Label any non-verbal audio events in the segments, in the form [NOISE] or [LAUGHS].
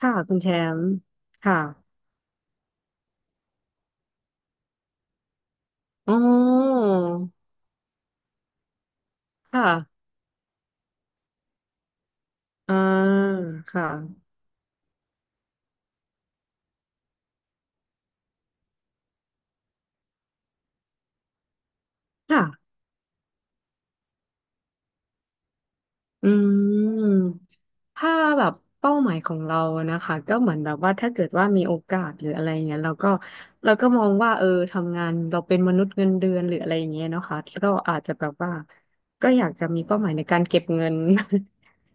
ค่ะคุณแชมป์ค่ะอ๋อค่ะอ่าค่ะค่ะอืมถ้าแบบเป้าหมายของเรานะคะก็เหมือนแบบว่าถ้าเกิดว่ามีโอกาสหรืออะไรเงี้ยเราก็มองว่าทำงานเราเป็นมนุษย์เงินเดือนหรืออะไรอย่างเงี้ยเนาะค่ะแลก็อาจจะแบบว่าก็อยากจะมีเป้าหมายในการเก็บเงิน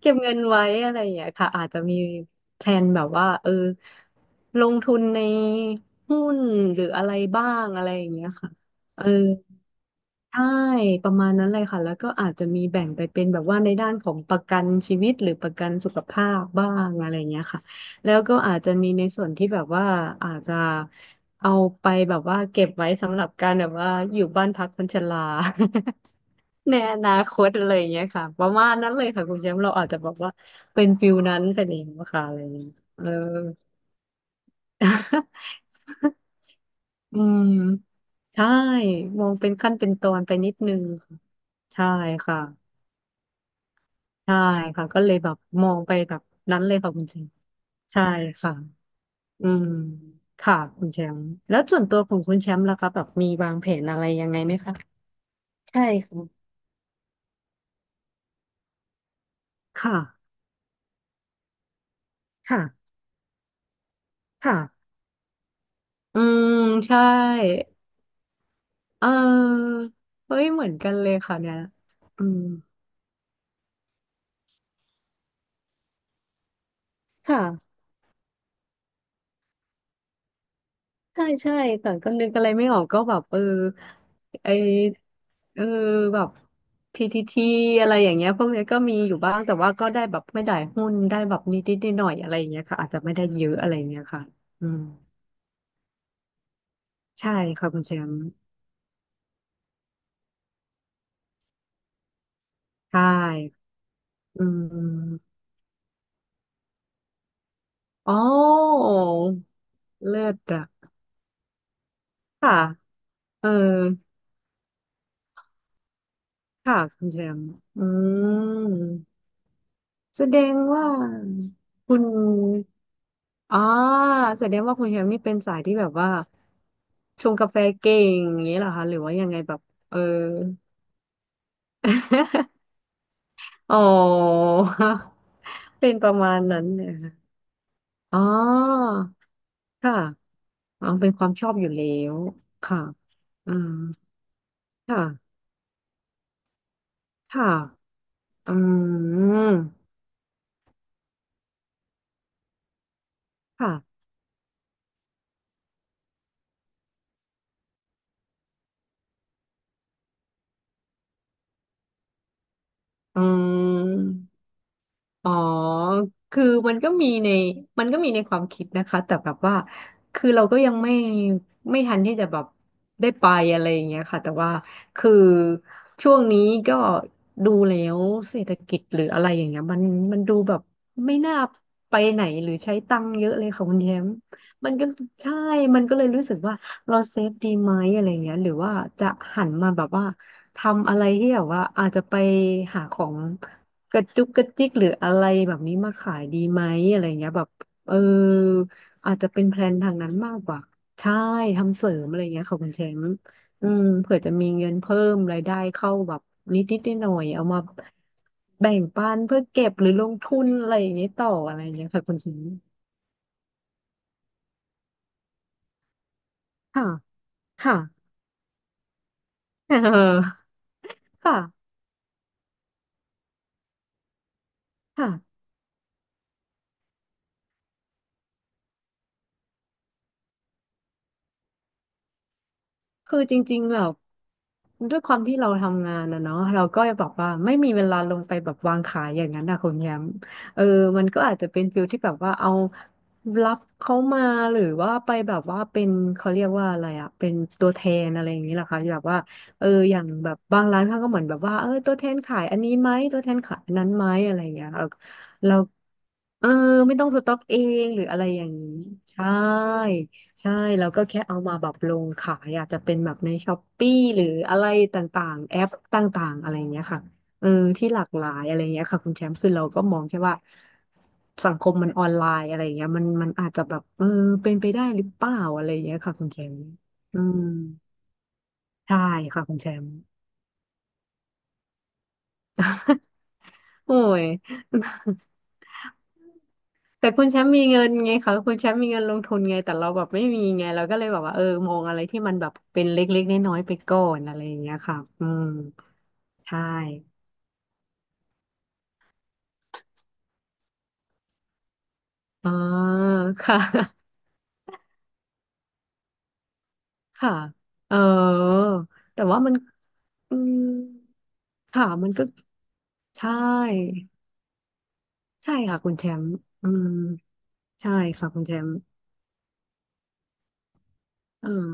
เก็บเงินไว้อะไรอย่างเงี้ยค่ะอาจจะมีแพลนแบบว่าลงทุนในหุ้นหรืออะไรบ้างอะไรอย่างเงี้ยค่ะอใช่ประมาณนั้นเลยค่ะแล้วก็อาจจะมีแบ่งไปเป็นแบบว่าในด้านของประกันชีวิตหรือประกันสุขภาพบ้างอะไรอย่างเงี้ยค่ะแล้วก็อาจจะมีในส่วนที่แบบว่าอาจจะเอาไปแบบว่าเก็บไว้สำหรับการแบบว่าอยู่บ้านพักคนชรา [LAUGHS] ในอนาคตอะไรอย่างเงี้ยค่ะประมาณนั้นเลยค่ะคุณแชมป์เราอาจจะบอกว่าเป็นฟิลนั้นไปนเองว่าค่ะอะไรอย่างเงี้ยเออ [LAUGHS] อืมใช่มองเป็นขั้นเป็นตอนไปนิดนึงค่ะใช่ค่ะใช่ค่ะก็เลยแบบมองไปแบบนั้นเลยค่ะคุณแชมป์ใช่ค่ะอืมค่ะคุณแชมป์แล้วส่วนตัวของคุณแชมป์ล่ะคะแบบมีวางแผนอะไรยังไงไหมคะใช่ค่ะค่ะค่ะค่ะอืมใช่ เออเฮ้ยเหมือนกันเลยค่ะเนี่ยอืมค่ะใช่ใช่แต่ก็นึกอะไรไม่ออกก็แบบไอเออแบบพีทีทีอะไรอย่างเงี้ยพวกเนี้ยก็มีอยู่บ้างแต่ว่าก็ได้แบบไม่ได้หุ้นได้แบบนิดหน่อยๆอะไรอย่างเงี้ยค่ะอาจจะไม่ได้เยอะอะไรอย่างเงี้ยค่ะอืมใช่ค่ะคุณแชมป์ใช่อืมอ๋อเลิศอะค่ะเออค่ะคุณแชมป์อืม แสดงว่าคุณอ๋อแสดงว่าคุณแฮมนี่เป็นสายที่แบบว่าชงกาแฟเก่งอย่างนี้เหรอคะหรือว่ายังไงแบบเออ [LAUGHS] อ๋อ [LAUGHS] เป็นประมาณนั้นเนี่ยค่ะอ๋อค่ะอ๋อเป็นความชอบอยู่แล้วค่ะอืมค่ะค่ะอืมค่ะอืม อ๋อ คือมันก็มีในมันก็มีในความคิดนะคะแต่แบบว่าคือเราก็ยังไม่ไม่ทันที่จะแบบได้ไปอะไรอย่างเงี้ยค่ะแต่ว่าคือช่วงนี้ก็ดูแล้วเศรษฐกิจหรืออะไรอย่างเงี้ยมันดูแบบไม่น่าไปไหนหรือใช้ตังค์เยอะเลยค่ะคุณแชมป์มันก็ใช่มันก็เลยรู้สึกว่าเราเซฟดีไหมอะไรเงี้ยหรือว่าจะหันมาแบบว่าทำอะไรที่แบบว่าอาจจะไปหาของ กระจุกกระจิกหรืออะไรแบบนี้มาขายดีไหมอะไรเงี้ยแบบเอออาจจะเป็นแพลนทางนั้นมากกว่าใช่ทำเสริมอะไรเงี้ยค่ะคุณแชมป์อืมเผื่อจะมีเงินเพิ่มรายได้เข้าแบบนิดหน่อยๆเอามาแบ่งปันเพื่อเก็บหรือลงทุนอะไรอย่างเงี้ยต่ออะไรเงี้ยค่ะคุณแชมป์ค่ะค่ะ [LAUGHS] เออค่ะค่ะ คือจริงๆแบบด้วยความที่เราทำงานนะเนาะเราก็จะบอกว่าไม่มีเวลาลงไปแบบวางขายอย่างนั้นนะคุณแยมเออมันก็อาจจะเป็นฟิลที่แบบว่าเอารับเขามาหรือว่าไปแบบว่าเป็นเขาเรียกว่าอะไรอะเป็นตัวแทนอะไรอย่างนี้แหละคะที่แบบว่าอย่างแบบบางร้านเขาก็เหมือนแบบว่าตัวแทนขายอันนี้ไหมตัวแทนขายอันนั้นไหมอะไรอย่างเงี้ยเราเออไม่ต้องสต็อกเองหรืออะไรอย่างนี้ใช่ ใช่แล้วก็แค่เอามาแบบลงขายอาจจะเป็นแบบในช้อปปี้หรืออะไรต่างๆแอปต่างๆอะไรอย่างเงี้ยค่ะเออที่หลากหลายอะไรอย่างเงี้ยค่ะคุณแชมป์คือเราก็มองแค่ว่าสังคมมันออนไลน์อะไรอย่างเงี้ยมันอาจจะแบบเป็นไปได้หรือเปล่าอะไรอย่างเงี้ยค่ะคุณแชมป์อืมใช่ค่ะคุณแชมป์ [LAUGHS] โอ้ย แต่คุณแชมป์มีเงินไงคะคุณแชมป์มีเงินลงทุนไงแต่เราแบบไม่มีไงเราก็เลยแบบว่ามองอะไรที่มันแบบเป็นเล็กๆน้อยๆไปก่อนอะไรอย่างเงี้ยค่ะอืมใช่อ๋อค่ะ [LAUGHS] ค่ะเออแต่ว่ามันอืมค่ะมันก็ใช่ใช่ค่ะคุณแชมป์อืมใช่ค่ะคุณแชมป์อืม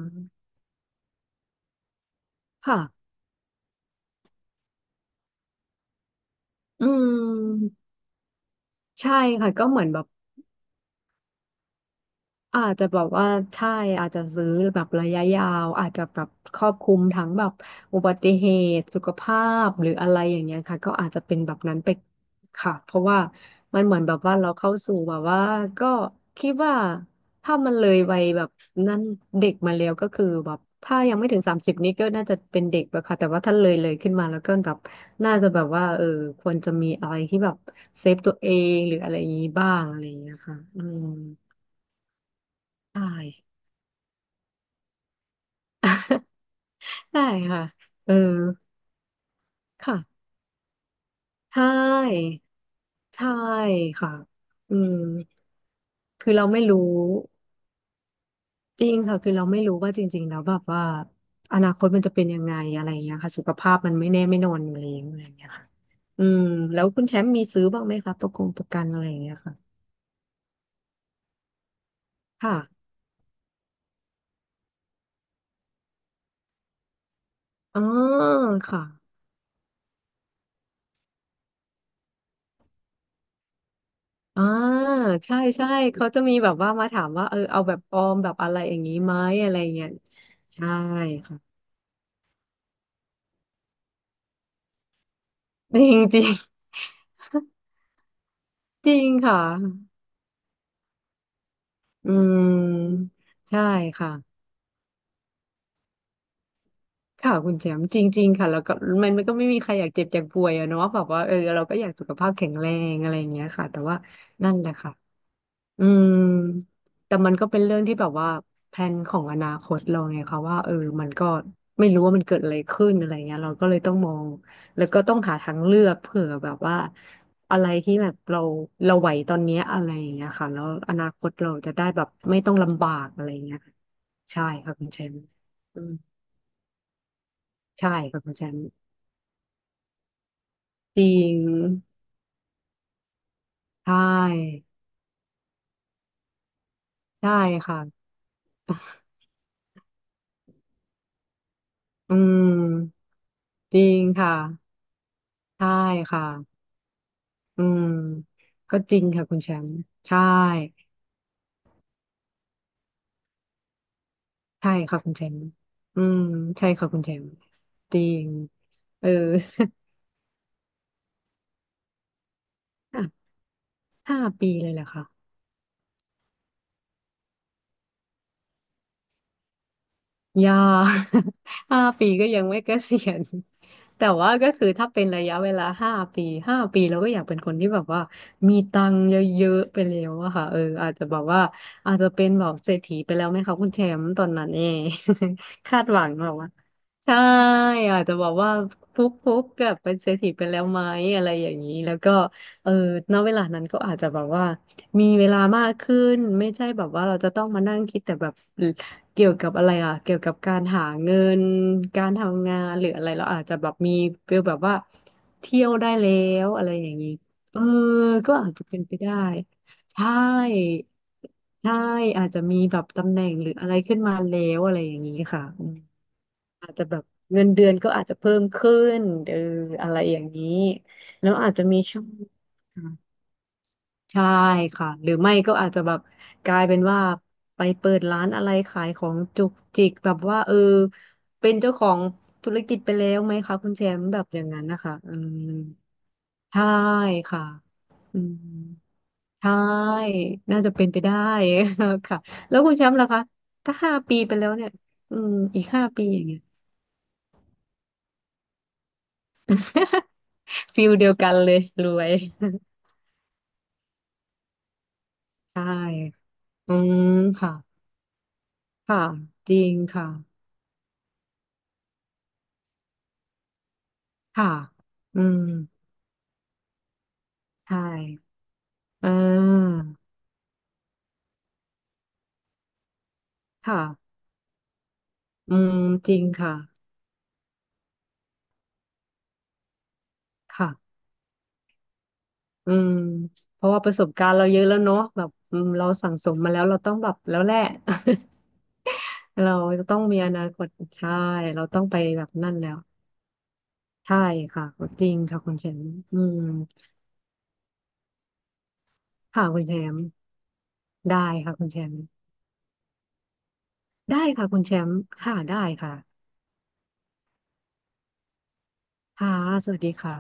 ค่ะอืมใช่ค่ะก็เหมือนแบบ อาจจะแบบว่าใช่อาจจะซื้อแบบระยะยาวอาจจะแบบครอบคลุมทั้งแบบอุบัติเหตุสุขภาพหรืออะไรอย่างเงี้ยค่ะก็อาจจะเป็นแบบนั้นไปค่ะเพราะว่ามันเหมือนแบบว่าเราเข้าสู่แบบว่าก็คิดว่าถ้ามันเลยวัยแบบนั้นเด็กมาแล้วก็คือแบบถ้ายังไม่ถึง30นี้ก็น่าจะเป็นเด็กแล้วค่ะแต่ว่าถ้าเลยขึ้นมาแล้วก็แบบน่าจะแบบว่าเออควรจะมีอะไรที่แบบเซฟตัวเองหรืออะไรอย่างงี้บ้างอะไรอย่างเงี้ยค่ะอืมใช่ ใช่ค่ะเออค่ะใช่ใช่ค่ะอืมคือเราไม่รู้จริงค่ะคือเราไม่รู้ว่าจริงๆแล้วแบบว่าอนาคตมันจะเป็นยังไงอะไรอย่างเงี้ยค่ะสุขภาพมันไม่แน่ไม่นอนอยู่แล้วอะไรอย่างเงี้ยค่ะอืมแล้วคุณแชมป์มีซื้อบ้างไหมคะประกงประกันอะไรอย่างเงี้ยค่ะค่ะอ๋อค่ะอ่าใช่ใช่เขาจะมีแบบว่ามาถามว่าเออเอาแบบออมแบบอะไรอย่างงี้ไหมอะไรเงี้ยใช่ค่ะ [LAUGHS] จริงจริงจริงค่ะ อืมใช่ค่ะค่ะคุณแชมป์จริงๆค่ะแล้วก็มันก็ไม่มีใครอยากเจ็บอยากป่วยอะเนาะแบบว่าเออเราก็อยากสุขภาพแข็งแรงอะไรอย่างเงี้ยค่ะแต่ว่านั่นแหละค่ะ อืมแต่มันก็เป็นเรื่องที่แบบว่าแพลนของอนาคตเราไงคะว่าเออมันก็ไม่รู้ว่ามันเกิดอะไรขึ้นอะไรเงี้ยเราก็เลยต้องมองแล้วก็ต้องหาทางเลือกเผื่อแบบว่าอะไรที่แบบเราไหวตอนเนี้ยอะไรอย่างเงี้ยค่ะแล้วอนาคตเราจะได้แบบไม่ต้องลำบากอะไรเงี้ยค่ะใช่ค่ะคุณแชมป์อืมใช่ค่ะคุณแชมป์จริงใช่ใช่ค่ะ [LAUGHS] อืมจริงค่ะใช่ค่ะ อืมก็จริงค่ะคุณแชมป์ใช่ใช่ค่ะคุณแชมป์อืมใช่ค่ะคุณแชมป์จริงเออ [LAUGHS] 5 ปีเลยแหละค่ะ ยาก [LAUGHS] ห้าปีก็ยังไม่เกษียณ [LAUGHS] แต่ว่าก็คือถ้าเป็นระยะเวลาห้าปีห้าปีเราก็อยากเป็นคนที่แบบว่ามีตังค์เยอะๆไปแล้วอะค่ะเอออาจจะแบบว่าอาจจะเป็นแบบเศรษฐีไปแล้วไหมคะคุณแชมป์ตอนนั้นเอง [LAUGHS] คาดหวังแบบว่าใช่อาจจะบอกว่าฟุกฟุกกับเป็นเศรษฐีไปแล้วไหมอะไรอย่างนี้แล้วก็เออณเวลานั้นก็อาจจะแบบว่ามีเวลามากขึ้นไม่ใช่แบบว่าเราจะต้องมานั่งคิดแต่แบบ เกี่ยวกับอะไรอ่ะเกี่ยวกับการหาเงินการทำงานหรืออะไรเราอาจจะแบบมีฟีลแบบว่าเที่ยวได้แล้วอะไรอย่างนี้เออก็อาจจะเป็นไปได้ใช่ใช่อาจจะมีแบบตำแหน่งหรืออะไรขึ้นมาแล้วอะไรอย่างนี้ค่ะอืมอาจจะแบบเงินเดือนก็อาจจะเพิ่มขึ้นเอออะไรอย่างนี้แล้วอาจจะมีช่อง ใช่ค่ะหรือไม่ก็อาจจะแบบกลายเป็นว่าไปเปิดร้านอะไรขายของจุกจิกแบบว่าเออเป็นเจ้าของธุรกิจไปแล้วไหมคะคุณแชมป์แบบอย่างนั้นนะคะอืมใช่ค่ะอืมใช่น่าจะเป็นไปได้ [LAUGHS] ค่ะแล้วคุณแชมป์ล่ะคะถ้าห้าปีไปแล้วเนี่ยอืมอีกห้าปีอย่างเงี้ย [LAUGHS] ฟิลเดียวกันเลยรวย [LAUGHS] ใช่อืมค่ะค่ะจริงค่ะ ค่ะอืมใช่อ่าค่ะอืมจริงค่ะค่ะ อืม เพราะว่าประสบการณ์เราเยอะแล้วเนาะแบบอืมเราสั่งสมมาแล้ว เราต้องแบบแล้วแหละ [LAUGHS] เราจะต้องมีอนาคตใช่เราต้องไปแบบนั่นแล้วใช่ค่ะจริงค่ะคุณแชมป์อืมค่ะคุณแชมป์ได้ค่ะคุณแชมป์ได้ค่ะคุณแชมป์ค่ะได้ค่ะค่ะสวัสดีค่ะ